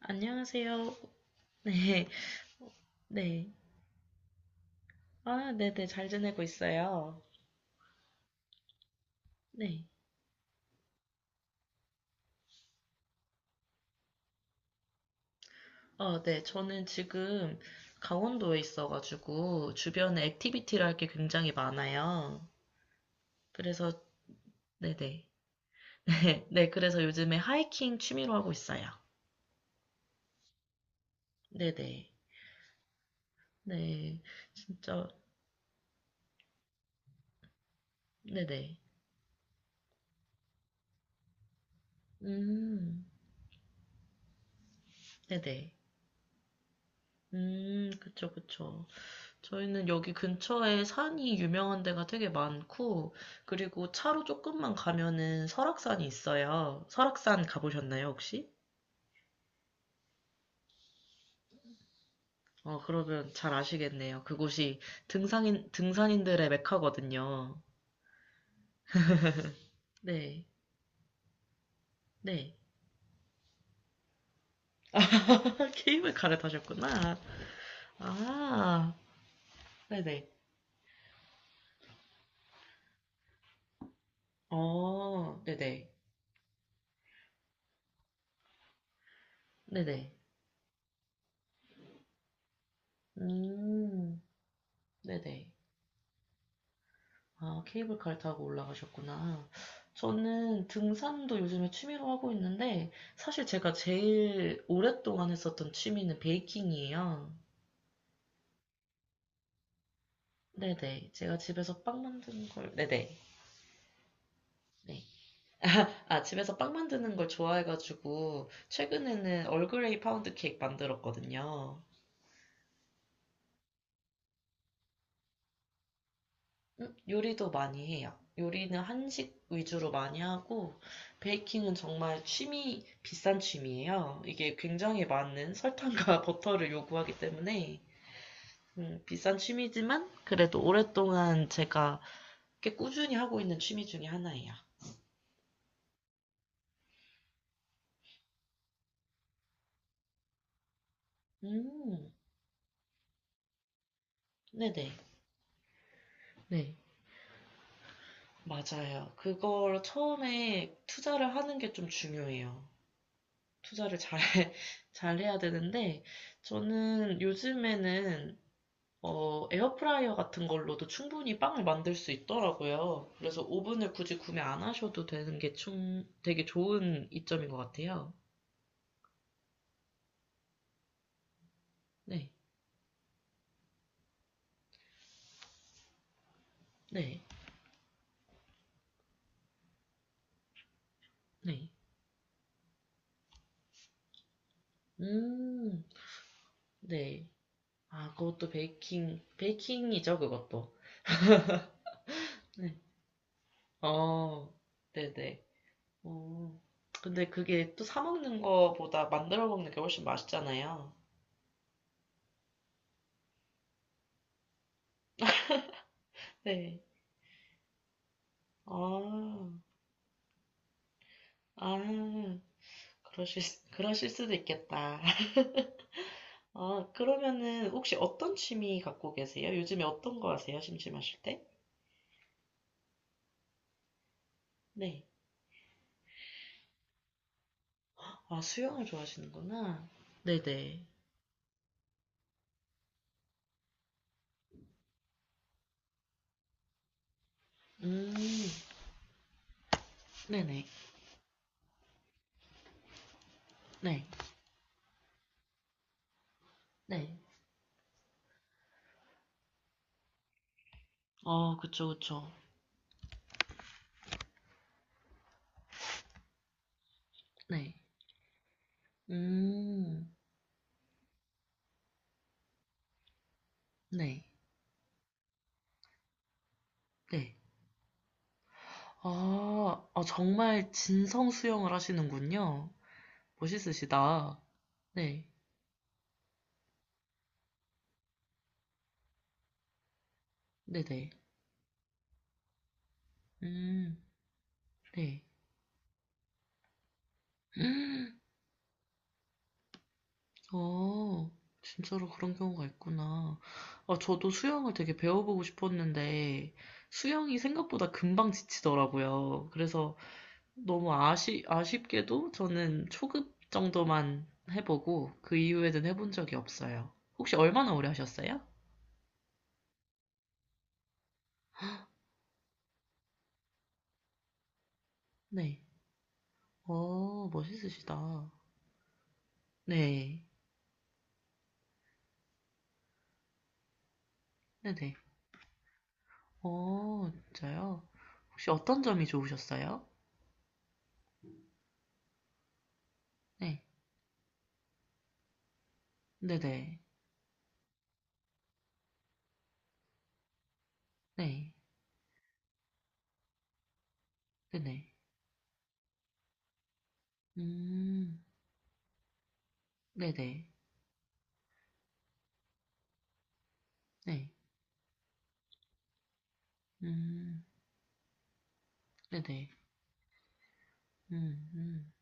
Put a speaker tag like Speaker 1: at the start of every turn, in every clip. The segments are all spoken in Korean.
Speaker 1: 안녕하세요. 네, 네. 아, 네네, 잘 지내고 있어요. 네. 네. 저는 지금 강원도에 있어가지고 주변에 액티비티를 할 게 굉장히 많아요. 그래서, 네네. 네, 그래서 요즘에 하이킹 취미로 하고 있어요. 네네. 네, 네, 진짜, 네네. 음, 네네. 그쵸, 그쵸. 저희는 여기 근처에 산이 유명한 데가 되게 많고, 그리고 차로 조금만 가면은 설악산이 있어요. 설악산 가보셨나요, 혹시? 그러면 잘 아시겠네요. 그곳이 등산인들의 메카거든요. 네, 네. 게임을 갈아타셨구나. 아, 네네. 네네. 네네. 음, 네네. 아, 케이블카를 타고 올라가셨구나. 저는 등산도 요즘에 취미로 하고 있는데, 사실 제가 제일 오랫동안 했었던 취미는 베이킹이에요. 네네. 제가 집에서 빵 만드는 걸, 네네. 네. 아, 집에서 빵 만드는 걸 좋아해가지고, 최근에는 얼그레이 파운드 케이크 만들었거든요. 요리도 많이 해요. 요리는 한식 위주로 많이 하고, 베이킹은 정말 취미, 비싼 취미예요. 이게 굉장히 많은 설탕과 버터를 요구하기 때문에, 비싼 취미지만, 그래도 오랫동안 제가 꽤 꾸준히 하고 있는 취미 중에 하나예요. 음, 네네. 네. 맞아요. 그걸 처음에 투자를 하는 게 좀 중요해요. 투자를 잘, 잘 해야 되는데, 저는 요즘에는 에어프라이어 같은 걸로도 충분히 빵을 만들 수 있더라고요. 그래서 오븐을 굳이 구매 안 하셔도 되는 게 충, 되게 좋은 이점인 것 같아요. 네, 네, 네. 음, 네. 아, 그것도 베이킹, 베이킹이죠, 그것도. 네. 어, 네네. 어, 근데 그게 또 사 먹는 거보다 만들어 먹는 게 훨씬 맛있잖아요. 네. 아, 아, 그러실, 수- 그러실 수도 있겠다. 아, 그러면은 혹시 어떤 취미 갖고 계세요? 요즘에 어떤 거 하세요? 심심하실 때? 네. 아, 수영을 좋아하시는구나. 네네. 음, 네네. 네. 네. 아, 그쵸, 그쵸. 네. 음, 네. 네. 아, 아, 정말 진성 수영을 하시는군요. 멋있으시다. 네. 네네. 음, 네. 어 진짜로 그런 경우가 있구나. 아, 저도 수영을 되게 배워보고 싶었는데, 수영이 생각보다 금방 지치더라고요. 그래서 너무 아시, 아쉽게도 저는 초급 정도만 해보고, 그 이후에는 해본 적이 없어요. 혹시 얼마나 오래 하셨어요? 네. 어, 멋있으시다. 네. 네네. 어, 진짜요? 혹시 어떤 점이 좋으셨어요? 네. 네네. 네. 네네. 음, 네네. 네. 음. 네네. 음 음.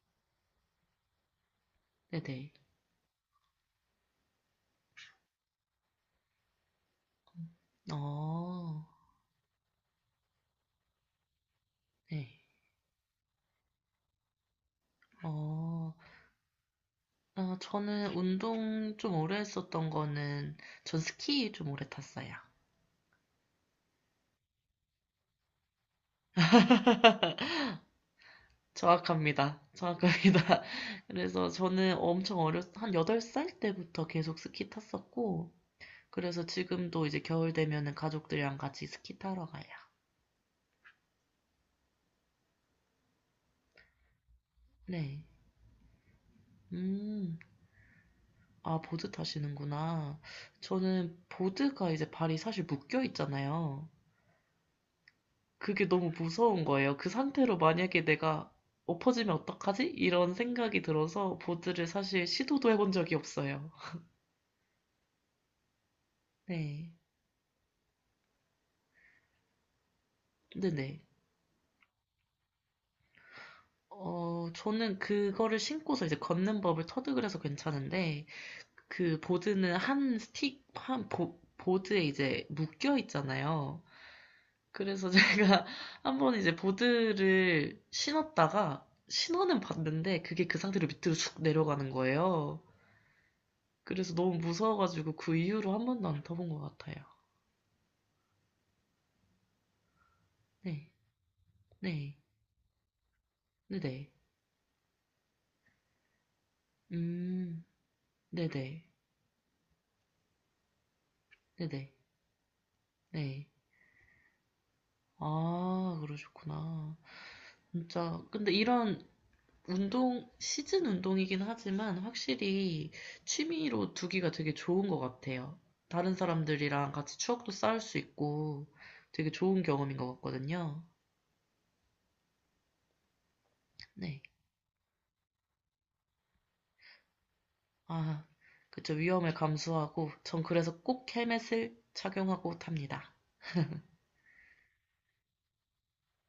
Speaker 1: 네네. 음. 어. 네. 어. 아 저는 운동 좀 오래 했었던 거는 전 스키 좀 오래 탔어요. 정확합니다. 정확합니다. 그래서 저는 엄청 어렸 한 8살 때부터 계속 스키 탔었고 그래서 지금도 이제 겨울 되면은 가족들이랑 같이 스키 타러 가요. 네. 음. 아, 보드 타시는구나. 저는 보드가 이제 발이 사실 묶여 있잖아요. 그게 너무 무서운 거예요. 그 상태로 만약에 내가 엎어지면 어떡하지? 이런 생각이 들어서 보드를 사실 시도도 해본 적이 없어요. 네. 네네. 저는 그거를 신고서 이제 걷는 법을 터득을 해서 괜찮은데, 그 보드는 한 스틱, 한 보, 보드에 이제 묶여 있잖아요. 그래서 제가 한번 이제 보드를 신었다가 신호는 봤는데 그게 그 상태로 밑으로 쑥 내려가는 거예요. 그래서 너무 무서워가지고 그 이후로 한 번도 안 타본 것 같아요. 네, 네, 네네, 음, 네네, 네네, 네. 네, 네. 아, 그러셨구나. 진짜. 근데 이런 운동, 시즌 운동이긴 하지만 확실히 취미로 두기가 되게 좋은 것 같아요. 다른 사람들이랑 같이 추억도 쌓을 수 있고 되게 좋은 경험인 것 같거든요. 네. 아, 그쵸. 위험을 감수하고 전 그래서 꼭 헬멧을 착용하고 탑니다.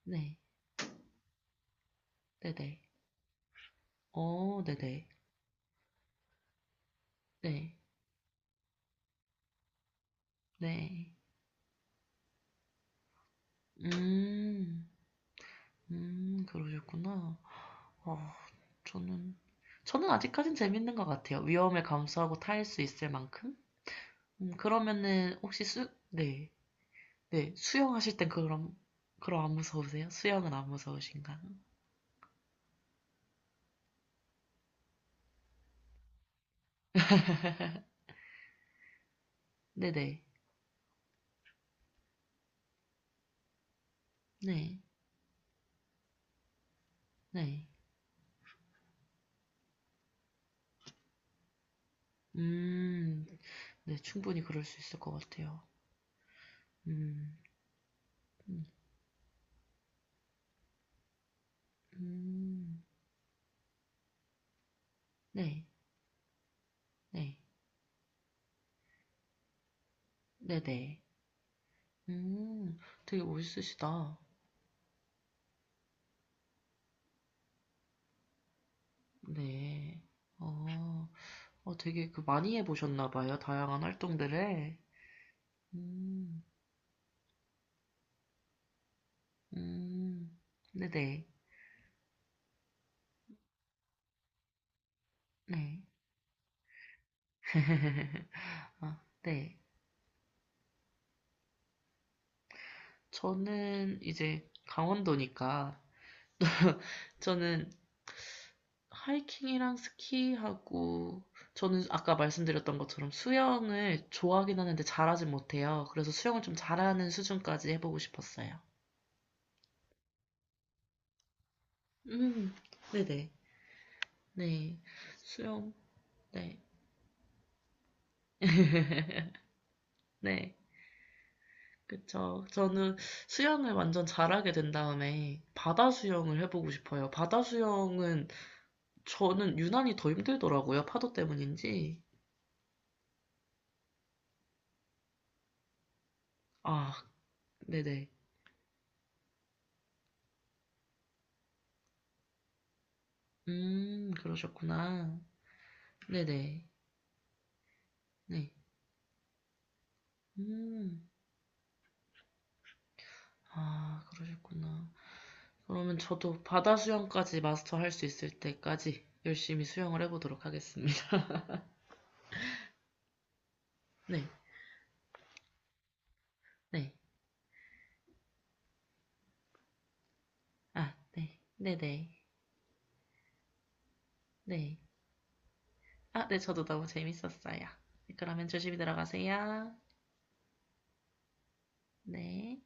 Speaker 1: 네. 네네. 네네. 네. 네. 음, 그러셨구나. 어, 저는, 저는 아직까진 재밌는 것 같아요. 위험을 감수하고 탈 수 있을 만큼? 그러면은, 혹시 수, 네, 네, 수영하실 땐 그럼, 그럼 안 무서우세요? 수영은 안 무서우신가요? 네네, 네, 네. 음, 네, 충분히 그럴 수 있을 것 같아요. 음, 음, 음, 네, 네, 네네. 음, 되게 멋있으시다. 네, 어. 되게 그 많이 해보셨나 봐요. 다양한 활동들을. 음, 음, 네네, 네. 아, 네. 저는 이제 강원도니까 저는 하이킹이랑 스키하고 저는 아까 말씀드렸던 것처럼 수영을 좋아하긴 하는데 잘하진 못해요. 그래서 수영을 좀 잘하는 수준까지 해보고 싶었어요. 음, 네네, 네. 수영, 네, 네. 그쵸. 저는 수영을 완전 잘하게 된 다음에 바다 수영을 해보고 싶어요. 바다 수영은 저는 유난히 더 힘들더라고요. 파도 때문인지. 아, 네네. 그러셨구나. 네네. 네. 음, 아, 그러셨구나. 그러면 저도 바다 수영까지 마스터할 수 있을 때까지 열심히 수영을 해보도록 하겠습니다. 네, 네. 아, 네. 네네. 네. 아, 네. 저도 너무 재밌었어요. 그러면 조심히 들어가세요. 네.